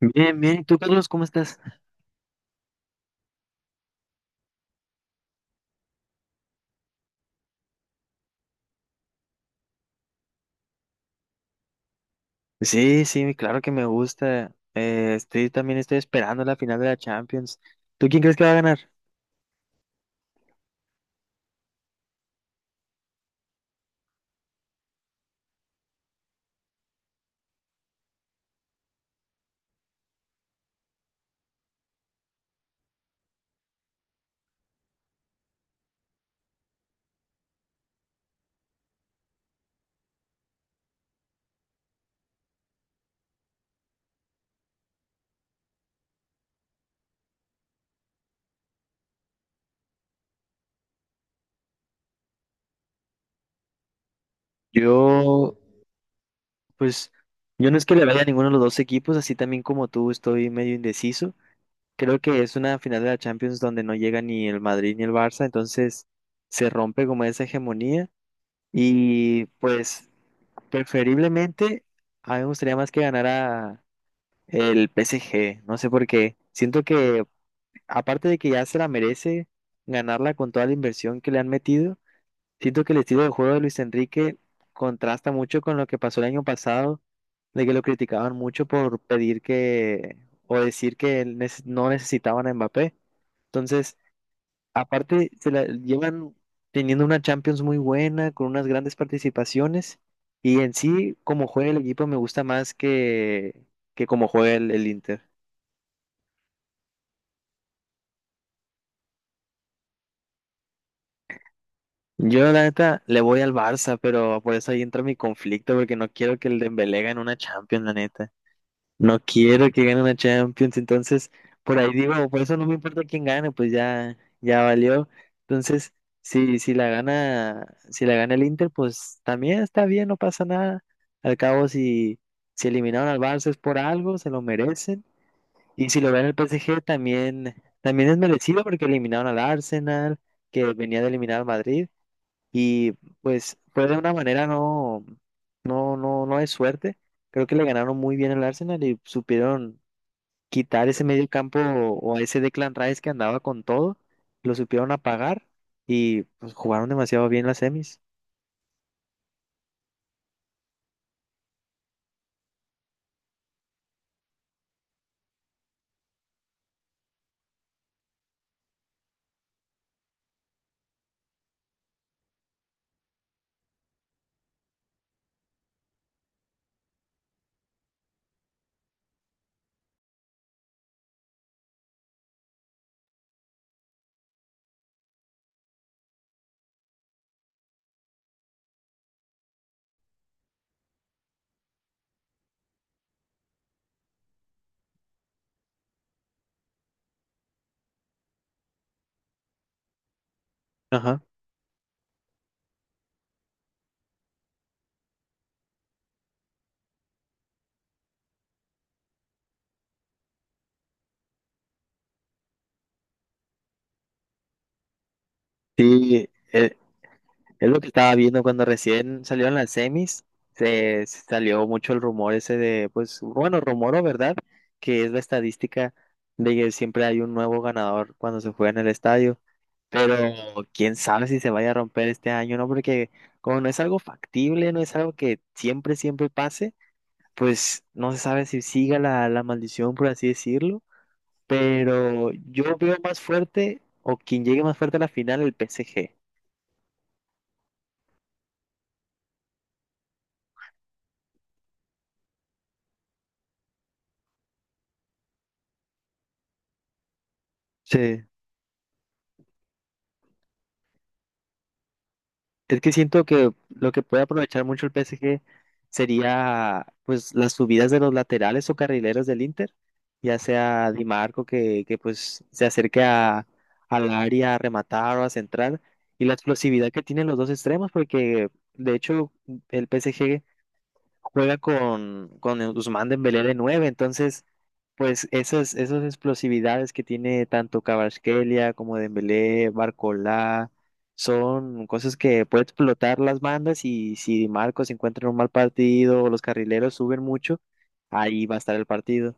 Bien, bien. ¿Y tú, Carlos, cómo estás? Sí, sí, claro que me gusta. Estoy también estoy esperando la final de la Champions. ¿Tú quién crees que va a ganar? Yo, pues, yo no es que le vaya a ninguno de los dos equipos, así también como tú estoy medio indeciso. Creo que es una final de la Champions donde no llega ni el Madrid ni el Barça, entonces se rompe como esa hegemonía. Y pues, preferiblemente, a mí me gustaría más que ganara el PSG. No sé por qué. Siento que aparte de que ya se la merece ganarla con toda la inversión que le han metido, siento que el estilo de juego de Luis Enrique contrasta mucho con lo que pasó el año pasado, de que lo criticaban mucho por pedir que o decir que no necesitaban a Mbappé. Entonces, aparte, se la llevan teniendo una Champions muy buena, con unas grandes participaciones, y en sí, como juega el equipo, me gusta más que, que como juega el Inter. Yo, la neta, le voy al Barça, pero por eso ahí entra mi conflicto, porque no quiero que el Dembélé gane una Champions, la neta. No quiero que gane una Champions, entonces, por ahí digo, por eso no me importa quién gane, pues ya, ya valió. Entonces, si, si la gana, si la gana el Inter, pues también está bien, no pasa nada. Al cabo, si eliminaron al Barça es por algo, se lo merecen. Y si lo gana el PSG, también, también es merecido porque eliminaron al Arsenal, que venía de eliminar al Madrid. Y pues fue de una manera no de suerte. Creo que le ganaron muy bien al Arsenal y supieron quitar ese medio campo o ese Declan Rice que andaba con todo. Lo supieron apagar y pues jugaron demasiado bien las semis. Ajá. Sí, es lo que estaba viendo cuando recién salieron las semis. Se salió mucho el rumor ese de, pues, bueno, rumor o verdad, que es la estadística de que siempre hay un nuevo ganador cuando se juega en el estadio. Pero quién sabe si se vaya a romper este año, ¿no? Porque como no es algo factible, no es algo que siempre, siempre pase, pues no se sabe si siga la maldición, por así decirlo. Pero yo veo más fuerte, o quien llegue más fuerte a la final, el PSG. Es que siento que lo que puede aprovechar mucho el PSG sería pues las subidas de los laterales o carrileros del Inter, ya sea Di Marco que pues se acerque al área a rematar o a centrar y la explosividad que tienen los dos extremos porque de hecho el PSG juega con el Ousmane Dembélé de 9, entonces, pues esas explosividades que tiene tanto Kvaratskhelia como Dembélé, Barcola, son cosas que puede explotar las bandas y si Di Marcos encuentra un mal partido o los carrileros suben mucho, ahí va a estar el partido.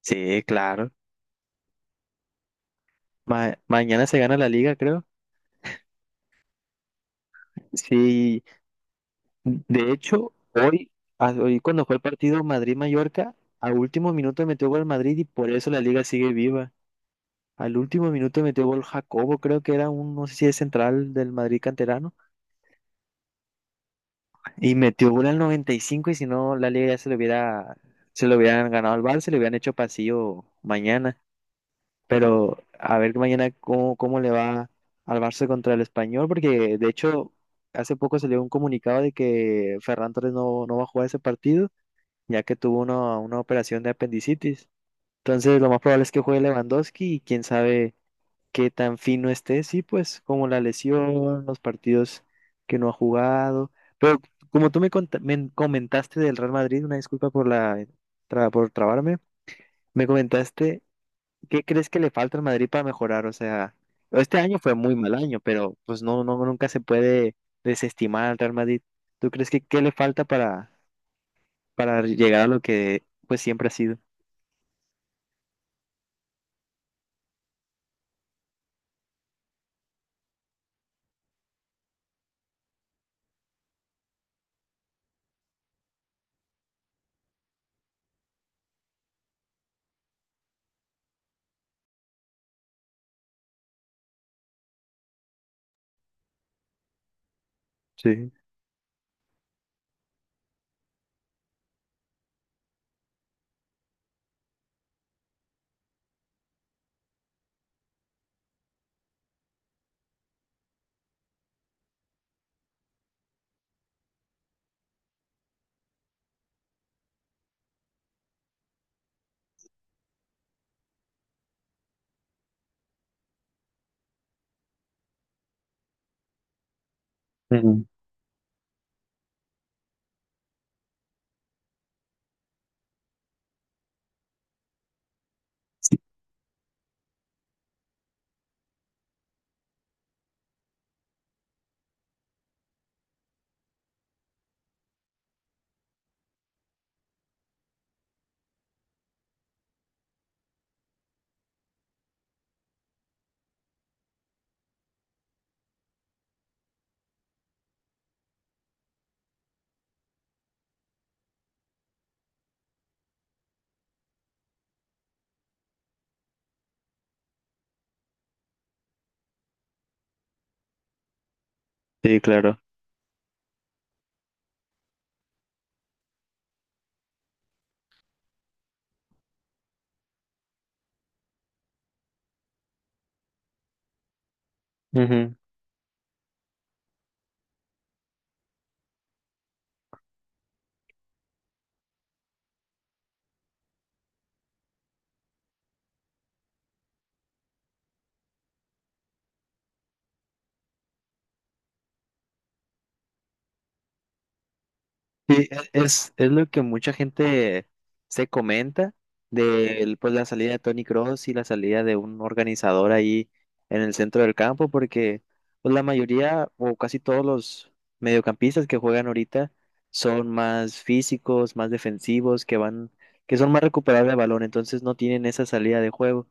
Sí, claro. Mañana se gana la liga, creo. Sí, de hecho, hoy, hoy cuando fue el partido Madrid-Mallorca, a último minuto metió gol el Madrid y por eso la liga sigue viva. Al último minuto metió gol Jacobo, creo que era un, no sé si es central del Madrid canterano, y metió gol al 95 y cinco y si no la liga ya se lo hubiera, se lo hubieran ganado al Barça, se le hubieran hecho pasillo mañana. Pero a ver mañana cómo, cómo le va al Barça contra el Español, porque de hecho hace poco salió un comunicado de que Ferran Torres no va a jugar ese partido, ya que tuvo una operación de apendicitis. Entonces lo más probable es que juegue Lewandowski y quién sabe qué tan fino esté, sí, pues como la lesión, los partidos que no ha jugado. Pero como tú me comentaste del Real Madrid, una disculpa por la por trabarme, me comentaste qué crees que le falta al Madrid para mejorar. O sea, este año fue muy mal año, pero pues nunca se puede desestimar al Real Madrid. ¿Tú crees que qué le falta para llegar a lo que pues siempre ha sido? Sí. Ujú. Sí, claro. Ujú. Sí, es lo que mucha gente se comenta pues, la salida de Tony Cross y la salida de un organizador ahí en el centro del campo, porque pues, la mayoría o casi todos los mediocampistas que juegan ahorita son más físicos, más defensivos, que son más recuperables de balón, entonces no tienen esa salida de juego.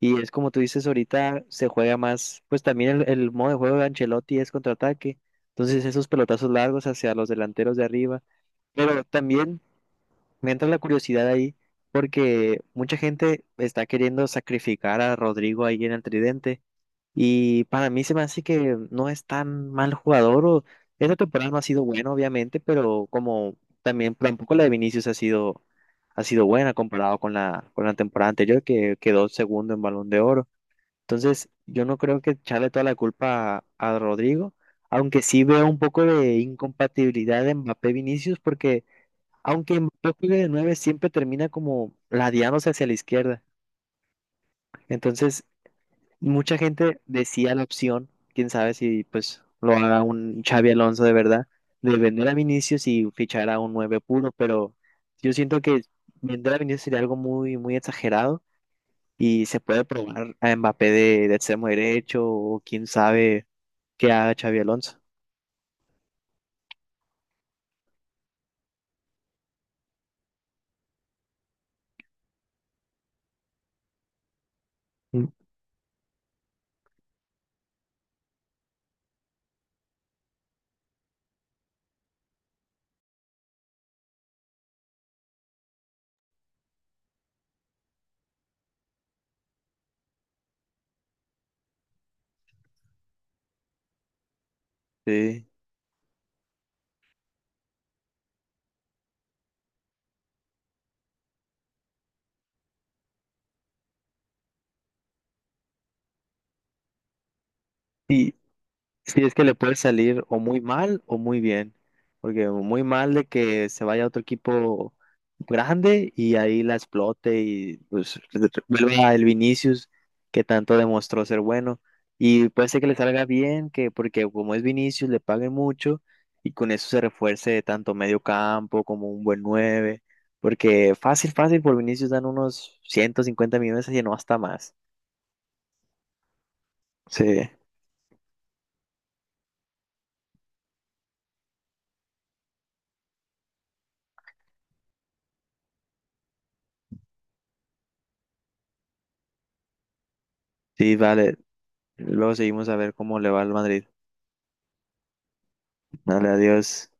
Y es como tú dices, ahorita se juega más, pues también el modo de juego de Ancelotti es contraataque, entonces esos pelotazos largos hacia los delanteros de arriba pero también me entra la curiosidad ahí, porque mucha gente está queriendo sacrificar a Rodrigo ahí en el tridente, y para mí se me hace que no es tan mal jugador, o esta temporada no ha sido buena, obviamente, pero como también tampoco la de Vinicius ha sido buena comparado con la, temporada anterior, que quedó segundo en Balón de Oro. Entonces, yo no creo que echarle toda la culpa a Rodrigo, aunque sí veo un poco de incompatibilidad de Mbappé-Vinicius, porque aunque Mbappé juegue de nueve, siempre termina como ladeándose hacia la izquierda. Entonces, mucha gente decía la opción, quién sabe si pues lo haga un Xavi Alonso de verdad, de vender a Vinicius y fichar a un nueve puro, pero yo siento que vender a Vinicius sería algo muy, muy exagerado y se puede probar a Mbappé de extremo derecho o quién sabe qué haga Xavi Alonso. Mm. Sí. Y, Sí, es que le puede salir o muy mal o muy bien, porque muy mal de que se vaya a otro equipo grande y ahí la explote y pues vuelva a el Vinicius que tanto demostró ser bueno y puede ser que le salga bien, que porque como es Vinicius le paguen mucho y con eso se refuerce tanto medio campo como un buen 9 porque fácil, fácil por Vinicius dan unos 150 millones y no hasta más. Sí, sí, vale. Luego seguimos a ver cómo le va al Madrid. Dale, adiós.